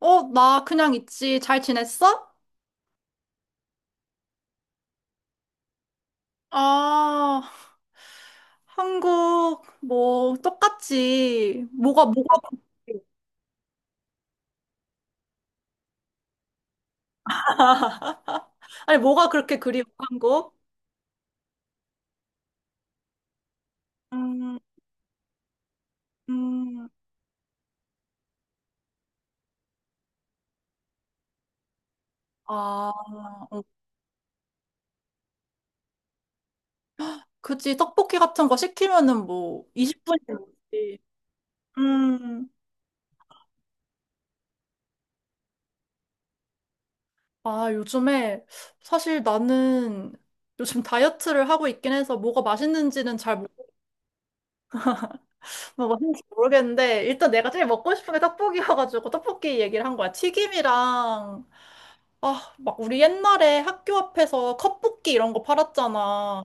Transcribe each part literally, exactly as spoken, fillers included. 어, 나 그냥 있지. 잘 지냈어? 아, 한국, 뭐, 똑같지. 뭐가, 뭐가, 그리- 아니, 뭐가 그렇게 그리워, 한국? 음, 음, 아, 어, 그치. 떡볶이 같은 거 시키면은 뭐, 이십 분이 넘지. 음, 아, 요즘에, 사실 나는 요즘 다이어트를 하고 있긴 해서 뭐가 맛있는지는 잘 뭐 맞는지 모르겠는데 일단 내가 제일 먹고 싶은 게 떡볶이여가지고 떡볶이 얘기를 한 거야. 튀김이랑 아, 막 우리 옛날에 학교 앞에서 컵볶이 이런 거 팔았잖아.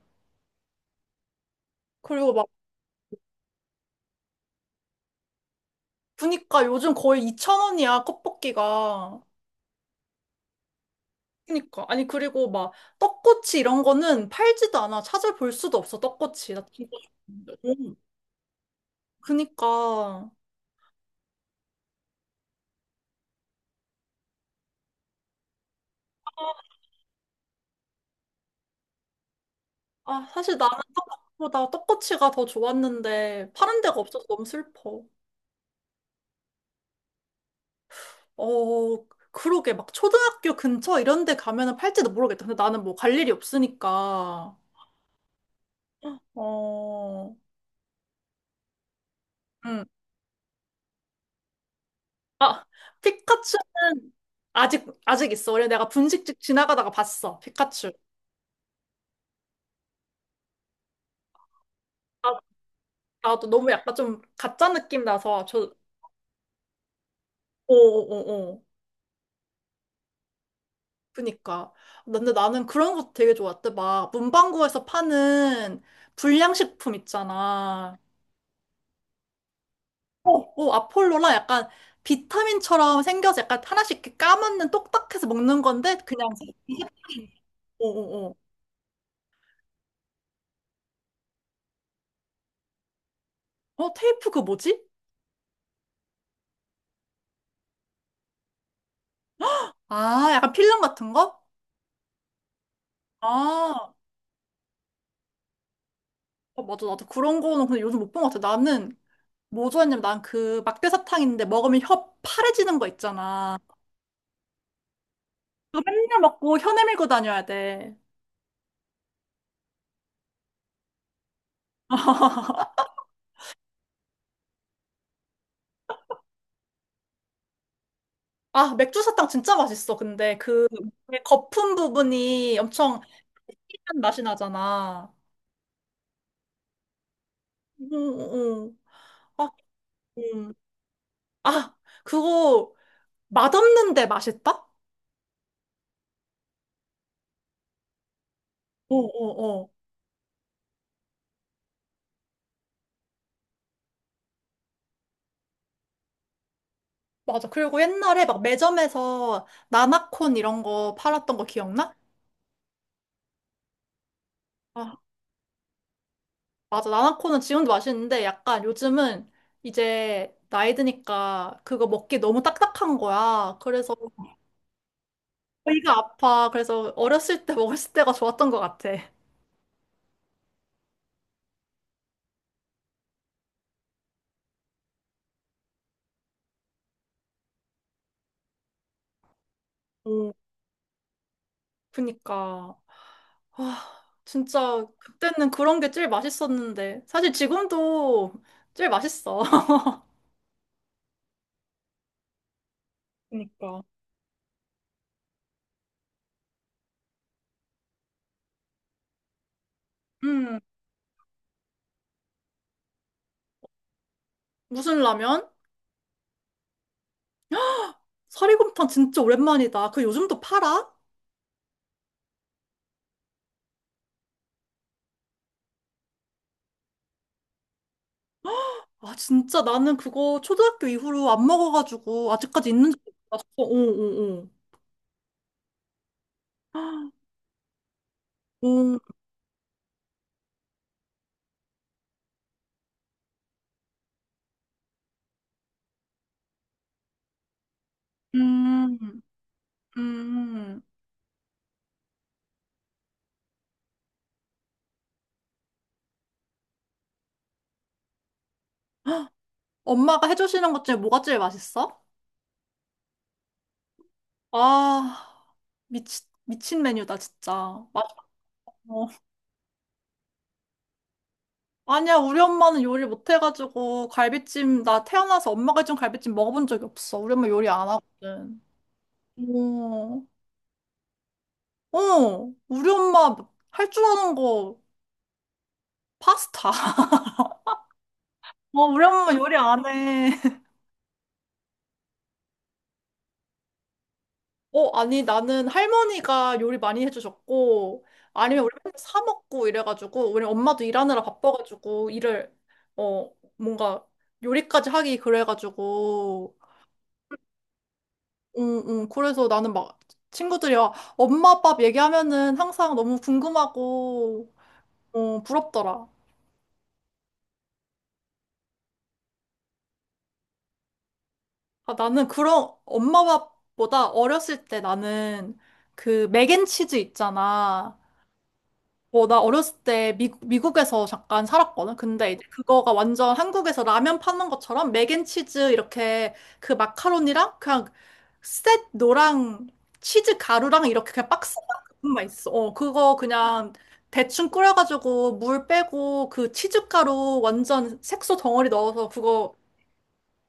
그리고 막 보니까 요즘 거의 이천 원이야, 컵볶이가. 그니까 아니 그리고 막 떡꼬치 이런 거는 팔지도 않아. 찾아볼 수도 없어, 떡꼬치. 나 진짜 음, 그니까 아, 사실 나는 떡볶이보다 떡꼬치가 더 좋았는데 파는 데가 없어서 너무 슬퍼. 어, 그러게. 막 초등학교 근처 이런 데 가면은 팔지도 모르겠다. 근데 나는 뭐 갈 일이 없으니까. 어, 응. 아, 피카츄는 아직, 아직 있어. 원래 내가 분식집 지나가다가 봤어. 피카츄. 아, 나도 너무 약간 좀 가짜 느낌 나서 저, 어어어어. 그니까. 근데 나는 그런 것도 되게 좋았대. 막 문방구에서 파는 불량식품 있잖아. 어, 어, 아폴로라 약간 비타민처럼 생겨서 약간 하나씩 이렇게 까먹는 똑딱해서 먹는 건데 그냥 어, 어, 어. 어, 테이프 그 뭐지? 아, 약간 필름 같은 거? 아, 어, 맞아. 나도 그런 거는 근데 요즘 못 본 것 같아. 나는 뭐 좋아했냐면 난 그 막대사탕 있는데 먹으면 혀 파래지는 거 있잖아. 그거 맨날 먹고 혀 내밀고 다녀야 돼. 아, 맥주 사탕 진짜 맛있어. 근데 그 거품 부분이 엄청 특이한 맛이 나잖아. 응, 응. 아, 음. 아, 그거 맛없는데 맛있다? 어, 어, 어. 맞아. 그리고 옛날에 막 매점에서 나나콘 이런 거 팔았던 거 기억나? 아, 맞아. 나나콘은 지금도 맛있는데 약간 요즘은 이제 나이 드니까 그거 먹기 너무 딱딱한 거야. 그래서 배가 아파. 그래서 어렸을 때 먹었을 때가 좋았던 것 같아. 어, 그니까. 아, 진짜 그때는 그런 게 제일 맛있었는데. 사실 지금도 제일 맛있어. 그니까. 음, 무슨 라면? 사리곰탕 진짜 오랜만이다. 그 요즘도 팔아? 아, 진짜 나는 그거 초등학교 이후로 안 먹어가지고 아직까지 있는지 몰랐어. 오, 오, 오. 오, 음, 음. 엄마가 해주시는 것 중에 뭐가 제일 맛있어? 아, 미치, 미친 메뉴다, 진짜. 맛있어. 아니야, 우리 엄마는 요리 못해가지고 갈비찜, 나 태어나서 엄마가 해준 갈비찜 먹어본 적이 없어. 우리 엄마 요리 안 하거든. 오. 어, 우리 엄마 할 줄 아는 거 파스타. 어, 우리 엄마 요리 안 해. 어, 아니, 나는 할머니가 요리 많이 해주셨고, 아니면 우리 맨날 사 먹고 이래가지고, 우리 엄마도 일하느라 바빠가지고, 일을, 어, 뭔가 요리까지 하기 그래가지고, 응, 응. 그래서 나는 막 친구들이 와, 엄마 밥 얘기하면은 항상 너무 궁금하고, 어, 부럽더라. 아, 나는 그런 엄마밥보다 어렸을 때 나는 그 맥앤치즈 있잖아. 어, 나 어렸을 때 미, 미국에서 잠깐 살았거든. 근데 이제 그거가 완전 한국에서 라면 파는 것처럼 맥앤치즈 이렇게 그 마카로니랑 그냥 셋 노랑 치즈 가루랑 이렇게 그냥 박스만 그것만 있어. 어, 그거 그냥 대충 끓여가지고 물 빼고 그 치즈 가루 완전 색소 덩어리 넣어서 그거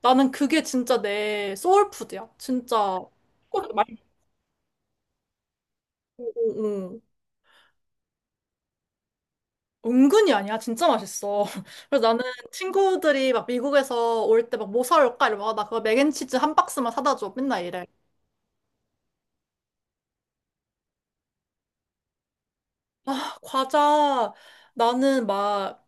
나는 그게 진짜 내 소울푸드야. 진짜 꼭 맛있고 응. 은근히 아니야. 진짜 맛있어. 그래서 나는 친구들이 막 미국에서 올 때 막 뭐 사올까? 이러면 아, 나 그거 맥앤치즈 한 박스만 사다 줘. 맨날 이래. 아, 과자 나는 막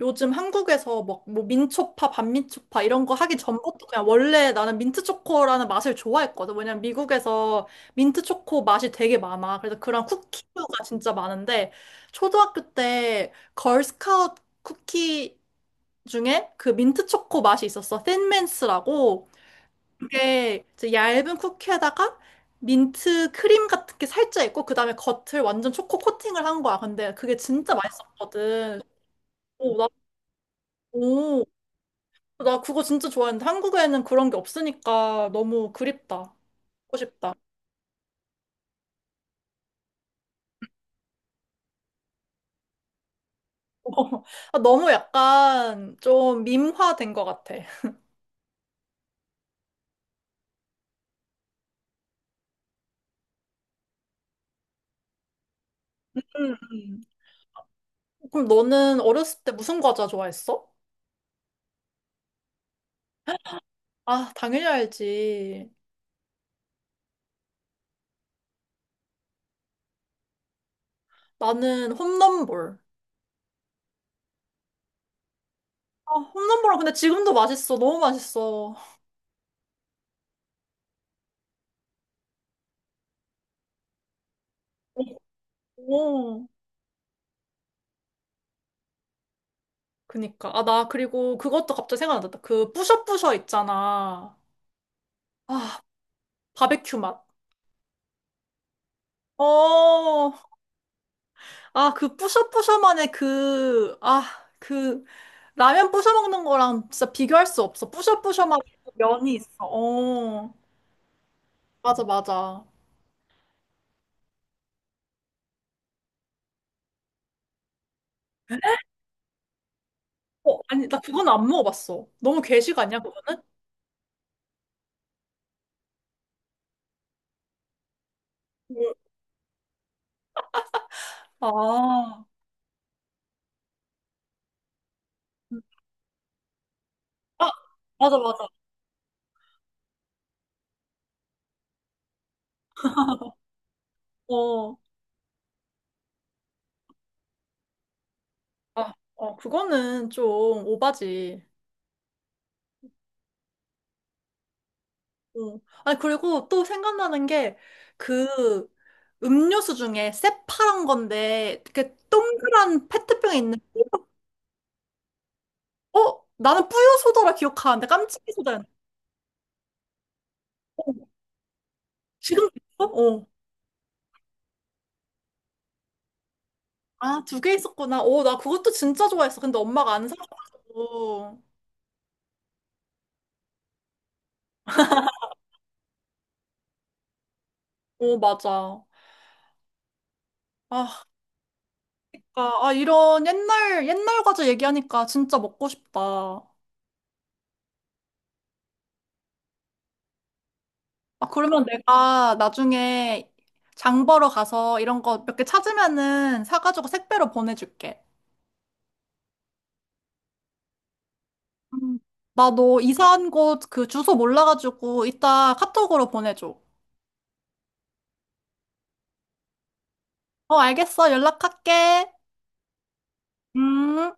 요즘 한국에서 막 뭐 민초파, 반민초파 이런 거 하기 전부터 그냥 원래 나는 민트초코라는 맛을 좋아했거든. 왜냐면 미국에서 민트초코 맛이 되게 많아. 그래서 그런 쿠키류가 진짜 많은데 초등학교 때 걸스카우트 쿠키 중에 그 민트초코 맛이 있었어. 틴민스라고. 그게 이제 얇은 쿠키에다가 민트 크림 같은 게 살짝 있고 그다음에 겉을 완전 초코 코팅을 한 거야. 근데 그게 진짜 맛있었거든. 오, 나, 나 그거 진짜 좋아했는데 한국에는 그런 게 없으니까 너무 그립다. 하고 싶다. 아, 너무 약간 좀 밈화된 것 같아. 음, 음. 그럼 너는 어렸을 때 무슨 과자 좋아했어? 아, 당연히 알지. 나는 홈런볼. 아, 홈런볼은 근데 지금도 맛있어. 너무 맛있어. 오. 그니까. 아, 나 그리고 그것도 갑자기 생각났다. 그 뿌셔뿌셔 있잖아. 아, 바베큐 맛. 어, 아, 그 뿌셔뿌셔만의 그, 아, 그, 라면 뿌셔 먹는 거랑 진짜 비교할 수 없어. 뿌셔뿌셔만 면이 있어. 어, 맞아, 맞아. 어, 아니, 나 그건 안 먹어봤어. 너무 괴식 아니야, 그거는? 응. 아, 아, 맞아, 맞아. 어, 아, 어, 그거는 좀 오바지. 어. 아니, 그리고 또 생각나는 게, 그, 음료수 중에 새파란 건데, 이렇게 동그란 페트병에 있는 어? 나는 뿌요 소다라 기억하는데 깜찍이 소다였나? 어, 지금도 있어? 어. 아, 두 개 있었구나. 어, 나 그것도 진짜 좋아했어. 근데 엄마가 안 사줬고. 어, 맞아. 아, 그러니까, 아, 이런 옛날, 옛날 과자 얘기하니까 진짜 먹고 싶다. 아, 그러면 내가 나중에 장 보러 가서 이런 거 몇 개 찾으면은 사가지고 택배로 보내줄게. 음. 나너 이사한 곳 그 주소 몰라가지고 이따 카톡으로 보내줘. 어, 알겠어. 연락할게. 음.